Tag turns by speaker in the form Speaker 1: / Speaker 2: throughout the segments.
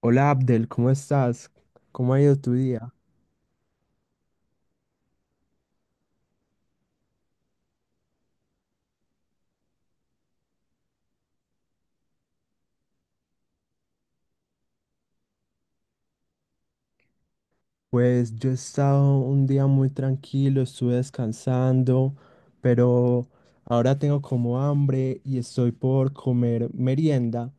Speaker 1: Hola Abdel, ¿cómo estás? ¿Cómo ha ido tu día? Pues yo he estado un día muy tranquilo, estuve descansando, pero ahora tengo como hambre y estoy por comer merienda.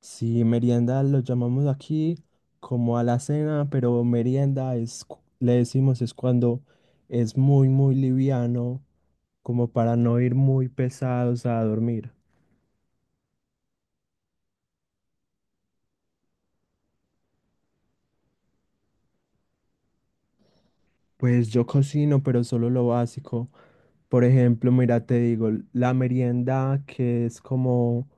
Speaker 1: Sí, merienda lo llamamos aquí como a la cena, pero merienda es, le decimos es cuando es muy, muy liviano, como para no ir muy pesados a dormir. Pues yo cocino, pero solo lo básico. Por ejemplo, mira, te digo, la merienda que es como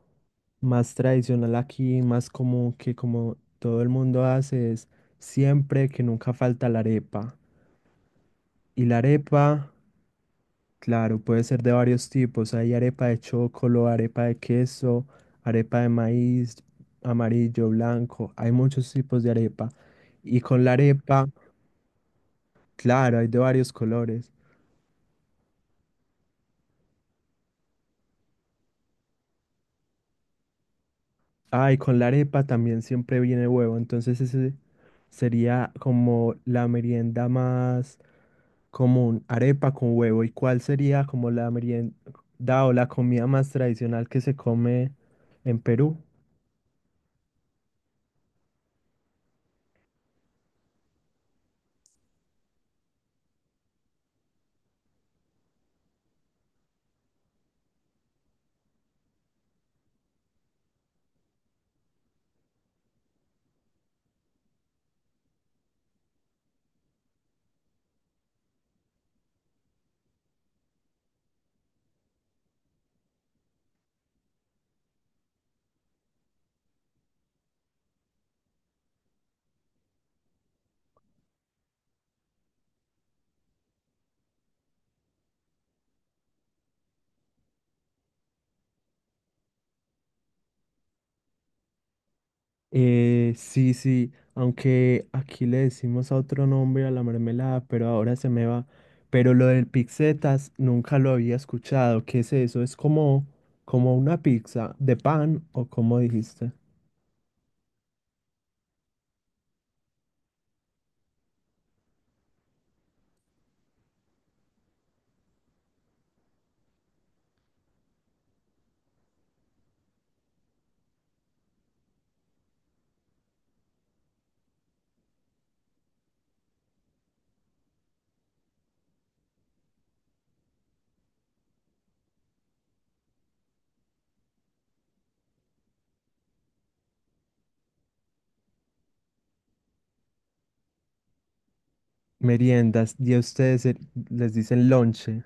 Speaker 1: más tradicional aquí, más común que como todo el mundo hace, es siempre que nunca falta la arepa. Y la arepa, claro, puede ser de varios tipos. Hay arepa de chocolo, arepa de queso, arepa de maíz, amarillo, blanco. Hay muchos tipos de arepa. Y con la arepa, claro, hay de varios colores. Ah, y con la arepa también siempre viene huevo, entonces ese sería como la merienda más común, arepa con huevo. ¿Y cuál sería como la merienda o la comida más tradicional que se come en Perú? Sí, sí, aunque aquí le decimos a otro nombre a la mermelada, pero ahora se me va. Pero lo del pizzetas nunca lo había escuchado. ¿Qué es eso? ¿Es como, como una pizza de pan o como dijiste? Meriendas y a ustedes les dicen lonche.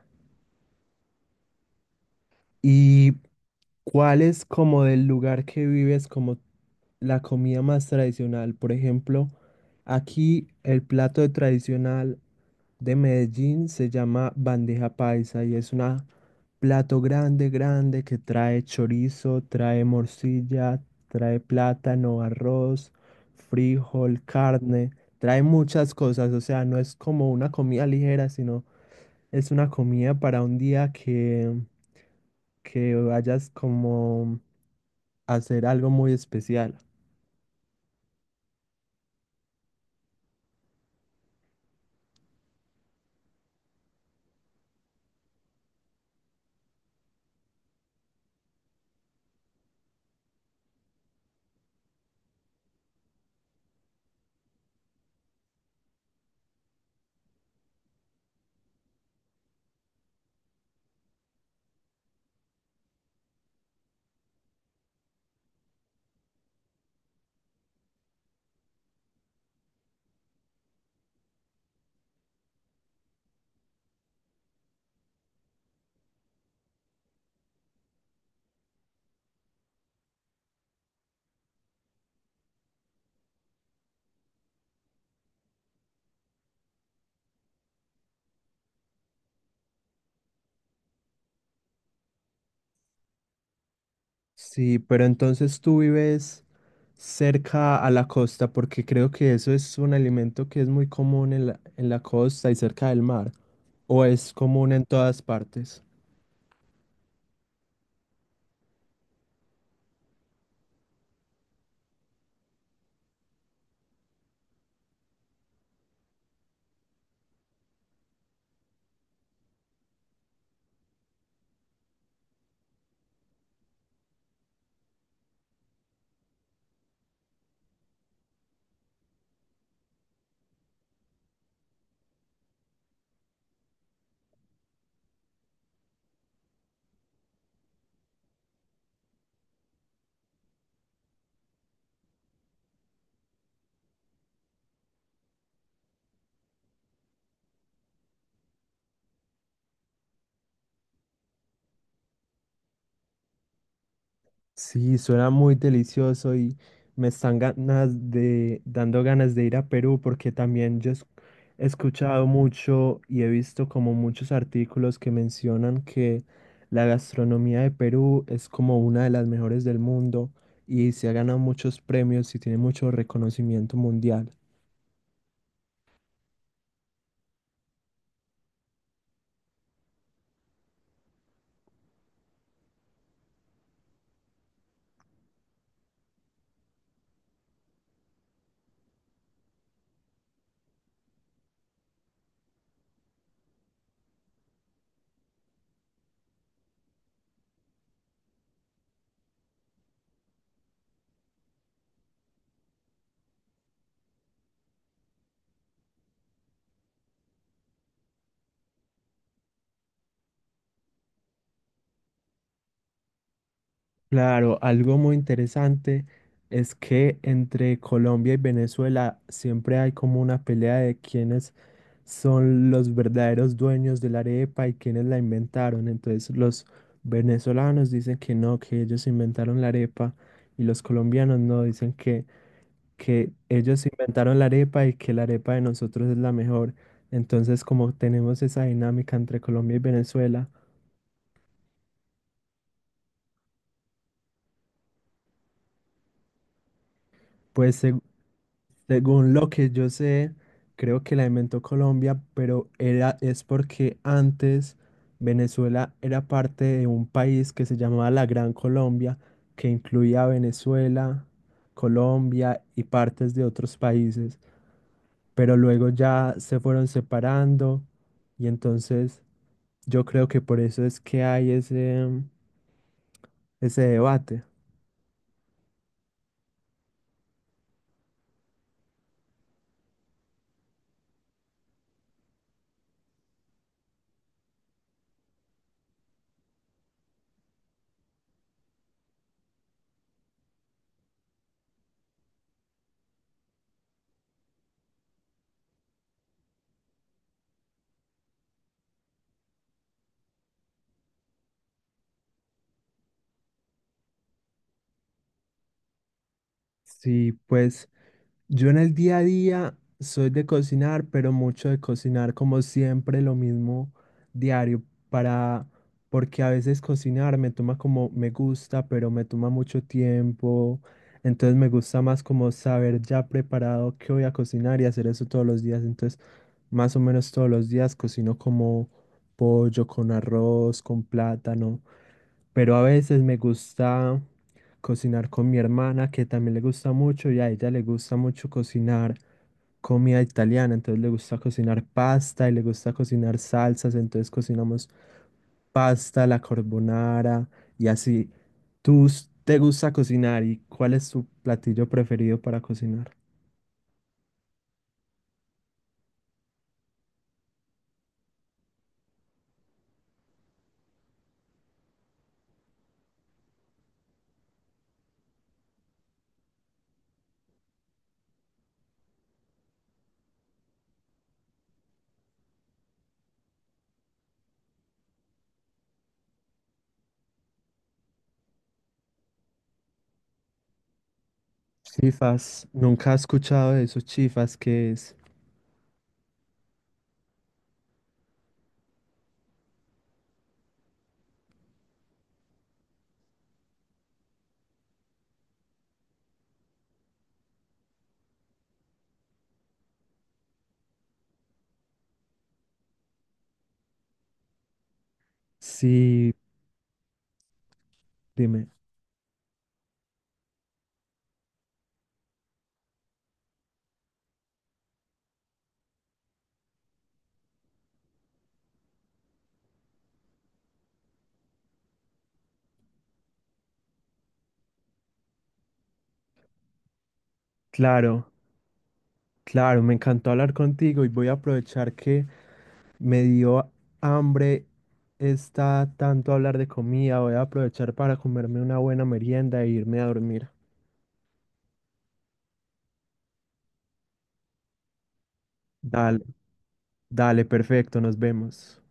Speaker 1: ¿Y cuál es como del lugar que vives como la comida más tradicional? Por ejemplo, aquí el plato tradicional de Medellín se llama bandeja paisa y es un plato grande, grande que trae chorizo, trae morcilla, trae plátano, arroz, frijol, carne. Trae muchas cosas, o sea, no es como una comida ligera, sino es una comida para un día que vayas como a hacer algo muy especial. Sí, pero entonces tú vives cerca a la costa, porque creo que eso es un alimento que es muy común en la costa y cerca del mar, o es común en todas partes. Sí, suena muy delicioso y me están ganas de, dando ganas de ir a Perú porque también yo he escuchado mucho y he visto como muchos artículos que mencionan que la gastronomía de Perú es como una de las mejores del mundo y se ha ganado muchos premios y tiene mucho reconocimiento mundial. Claro, algo muy interesante es que entre Colombia y Venezuela siempre hay como una pelea de quién es son los verdaderos dueños de la arepa y quienes la inventaron. Entonces los venezolanos dicen que no, que ellos inventaron la arepa y los colombianos no, dicen que ellos inventaron la arepa y que la arepa de nosotros es la mejor. Entonces como tenemos esa dinámica entre Colombia y Venezuela, pues se- Según lo que yo sé, creo que la inventó Colombia, pero era, es porque antes Venezuela era parte de un país que se llamaba la Gran Colombia, que incluía a Venezuela, Colombia y partes de otros países, pero luego ya se fueron separando y entonces yo creo que por eso es que hay ese, ese debate. Sí, pues. Yo en el día a día soy de cocinar, pero mucho de cocinar como siempre lo mismo diario para porque a veces cocinar me toma como me gusta, pero me toma mucho tiempo. Entonces me gusta más como saber ya preparado qué voy a cocinar y hacer eso todos los días. Entonces, más o menos todos los días cocino como pollo con arroz, con plátano, pero a veces me gusta cocinar con mi hermana, que también le gusta mucho y a ella le gusta mucho cocinar comida italiana, entonces le gusta cocinar pasta y le gusta cocinar salsas, entonces cocinamos pasta, la carbonara y así. ¿Te gusta cocinar y cuál es tu platillo preferido para cocinar? Chifas, nunca he escuchado de esos chifas, ¿qué es? Sí, dime. Claro, claro, me encantó hablar contigo y voy a aprovechar que me dio hambre, está tanto hablar de comida. Voy a aprovechar para comerme una buena merienda e irme a dormir. Dale, dale, perfecto, nos vemos.